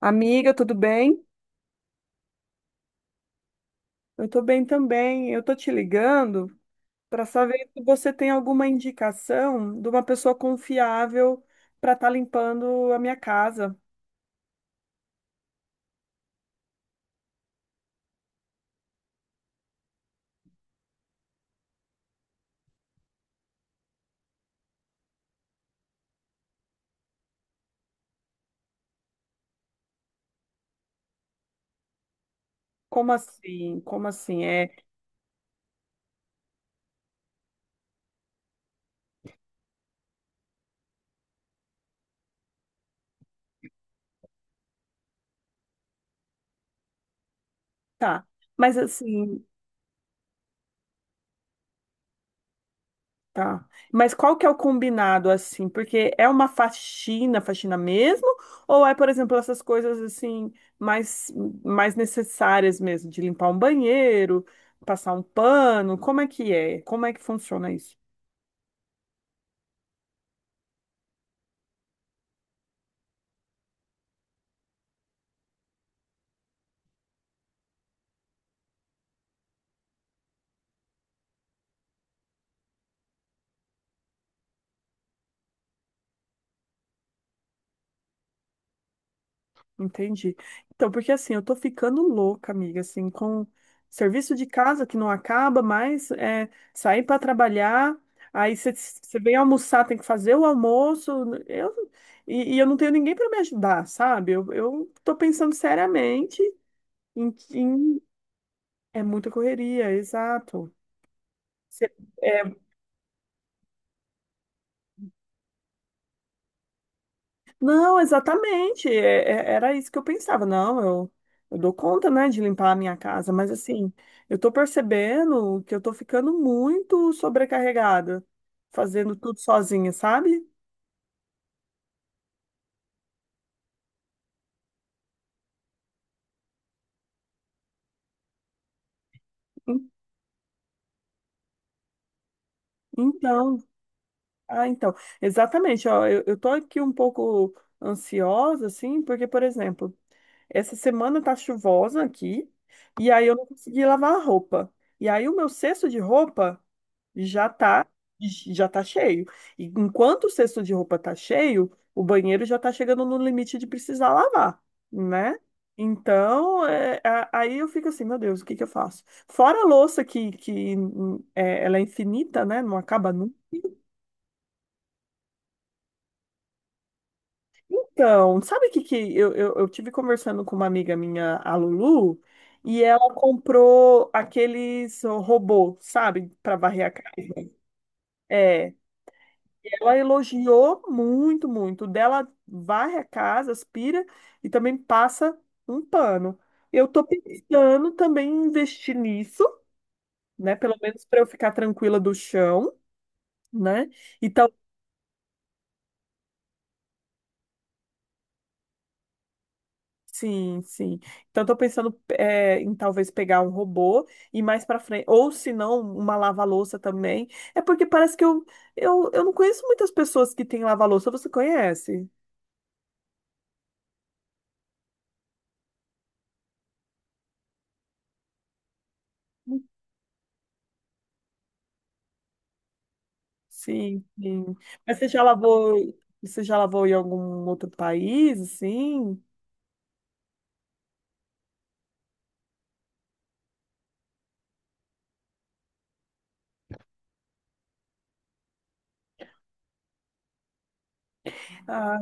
Amiga, tudo bem? Eu tô bem também. Eu tô te ligando para saber se você tem alguma indicação de uma pessoa confiável para estar limpando a minha casa. Como assim? Como assim? Tá. Mas assim, tá. Mas qual que é o combinado assim? Porque é uma faxina, faxina mesmo? Ou é, por exemplo, essas coisas assim mais mais necessárias mesmo, de limpar um banheiro, passar um pano? Como é que é? Como é que funciona isso? Entendi. Então, porque assim, eu tô ficando louca, amiga, assim, com serviço de casa que não acaba, mas é, sair para trabalhar, aí você vem almoçar, tem que fazer o almoço, eu, e eu não tenho ninguém para me ajudar, sabe? Eu tô pensando seriamente em, em- É muita correria, exato. Não, exatamente. Era isso que eu pensava. Não, eu dou conta, né, de limpar a minha casa, mas assim, eu tô percebendo que eu tô ficando muito sobrecarregada, fazendo tudo sozinha, sabe? En- Então, ah, então, exatamente. Ó, eu tô aqui um pouco ansiosa, assim, porque, por exemplo, essa semana tá chuvosa aqui, e aí eu não consegui lavar a roupa. E aí o meu cesto de roupa. já tá já tá cheio. E enquanto o cesto de roupa tá cheio, o banheiro já tá chegando no limite de precisar lavar, né? Então, é, aí eu fico assim, meu Deus, o que que eu faço? Fora a louça que, que ela é infinita, né? Não acaba nunca. Então, sabe o que que eu, eu tive conversando com uma amiga minha, a Lulu, e ela comprou aqueles robôs, sabe, para varrer a casa. É, Ela elogiou muito, muito. O Dela varre a casa, aspira e também passa um pano. Eu tô pensando também em investir nisso, né? Pelo menos para eu ficar tranquila do chão, né? Então, sim, sim. Então, eu tô pensando em talvez pegar um robô e mais para frente, ou se não, uma lava-louça também. É porque parece que eu, eu não conheço muitas pessoas que têm lava-louça. Você conhece? Sim, sim. Mas você já lavou em algum outro país, assim? Ah,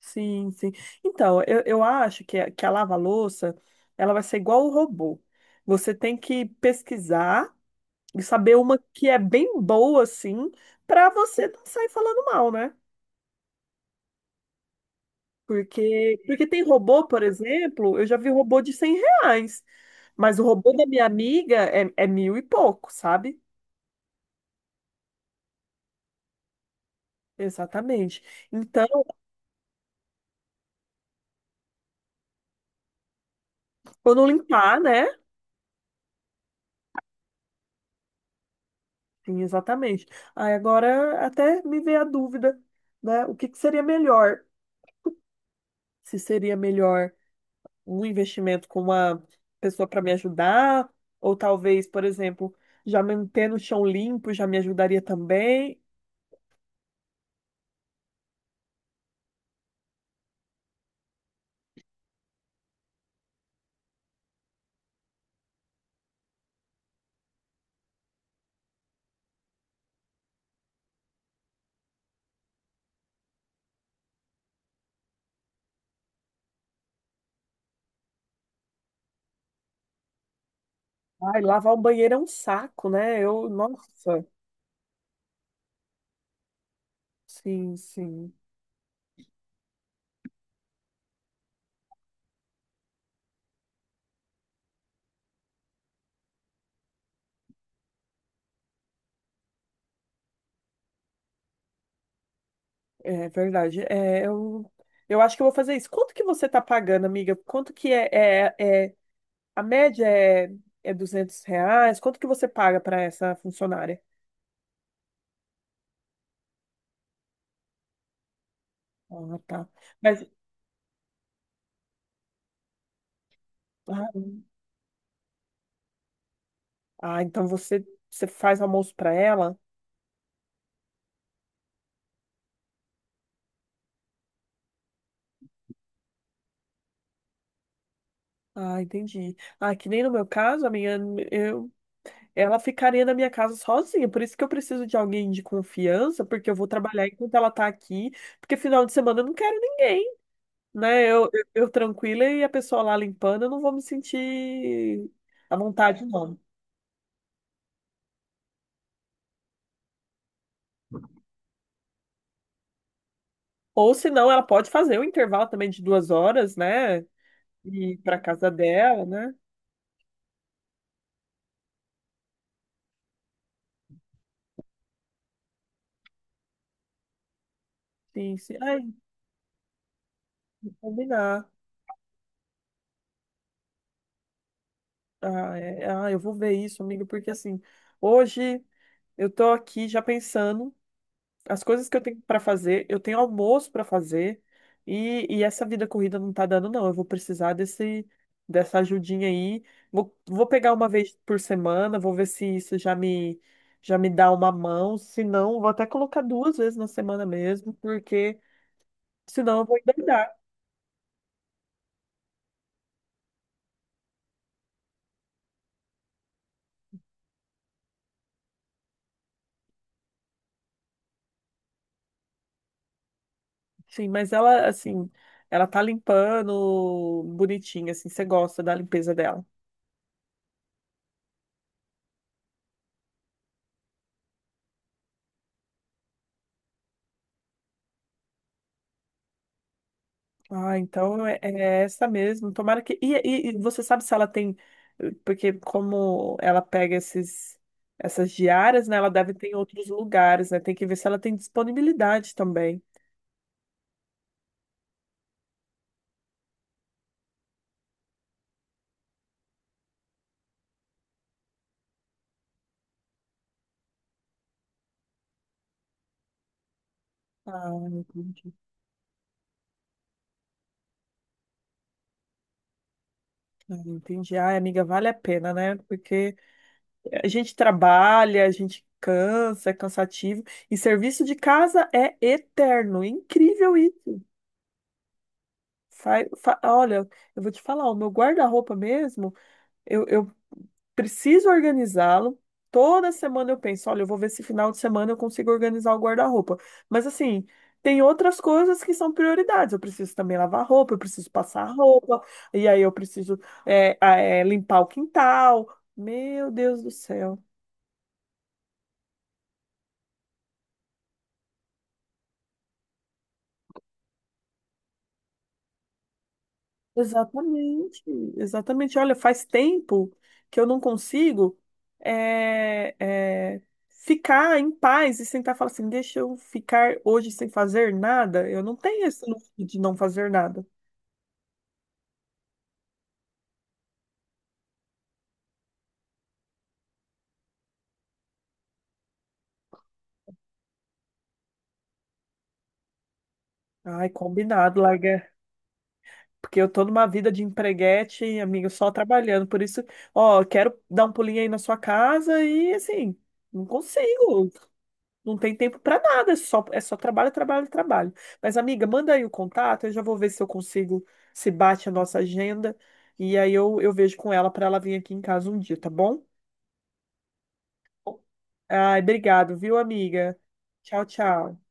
sim, sim. Então, eu acho que, que a lava-louça, ela vai ser igual o robô. Você tem que pesquisar e saber uma que é bem boa, assim, para você não sair falando mal, né? Porque tem robô, por exemplo, eu já vi robô de 100 reais, mas o robô da minha amiga é mil e pouco, sabe? Exatamente. Então. Quando limpar, né? Sim, exatamente. Aí agora até me veio a dúvida, né? O que que seria melhor? Se seria melhor um investimento com uma pessoa para me ajudar, ou talvez, por exemplo, já manter no chão limpo já me ajudaria também. Ai, lavar o banheiro é um saco, né? Eu, nossa, sim, sim, é verdade. É, eu acho que eu vou fazer isso. Quanto que você tá pagando, amiga? Quanto que é a média é 200 reais. Quanto que você paga para essa funcionária? Ah, tá. Mas, ah, ah, então você, você faz almoço para ela? Ah, entendi. Ah, que nem no meu caso, eu, ela ficaria na minha casa sozinha. Por isso que eu preciso de alguém de confiança, porque eu vou trabalhar enquanto ela tá aqui. Porque final de semana eu não quero ninguém, né? Eu tranquila e a pessoa lá limpando, eu não vou me sentir à vontade, não. Ou se não, ela pode fazer um intervalo também de 2 horas, né? E ir para casa dela, né? Sim, sim. Ai, vou combinar. Ah, eu vou ver isso, amigo, porque assim, hoje eu tô aqui já pensando as coisas que eu tenho para fazer, eu tenho almoço para fazer e essa vida corrida não tá dando, não. Eu vou precisar desse dessa ajudinha aí. Vou pegar uma vez por semana, vou ver se isso já me dá uma mão, se não, vou até colocar duas vezes na semana mesmo, porque senão eu vou endoidar. Sim, mas ela, assim, ela tá limpando bonitinha, assim, você gosta da limpeza dela. Ah, então é essa mesmo. Tomara que. E você sabe se ela tem. Porque como ela pega essas diárias, né? Ela deve ter em outros lugares, né? Tem que ver se ela tem disponibilidade também. Ah, entendi. Ah, entendi. Ai, amiga, vale a pena, né? Porque a gente trabalha, a gente cansa, é cansativo. E serviço de casa é eterno. Incrível isso. Olha, eu vou te falar, o meu guarda-roupa mesmo, eu preciso organizá-lo. Toda semana eu penso, olha, eu vou ver se final de semana eu consigo organizar o guarda-roupa. Mas assim, tem outras coisas que são prioridades. Eu preciso também lavar roupa, eu preciso passar roupa, e aí eu preciso limpar o quintal. Meu Deus do céu. Exatamente, exatamente. Olha, faz tempo que eu não consigo é, é, ficar em paz e sentar e falar assim, deixa eu ficar hoje sem fazer nada. Eu não tenho esse luxo de não fazer nada. Ai, combinado, larga. Porque eu tô numa vida de empreguete, amigo, só trabalhando. Por isso, ó, quero dar um pulinho aí na sua casa e assim, não consigo. Não tem tempo para nada, é só trabalho, trabalho, trabalho. Mas, amiga, manda aí o contato, eu já vou ver se eu consigo, se bate a nossa agenda. E aí eu vejo com ela para ela vir aqui em casa um dia, tá bom? Ai, obrigado, viu, amiga? Tchau, tchau.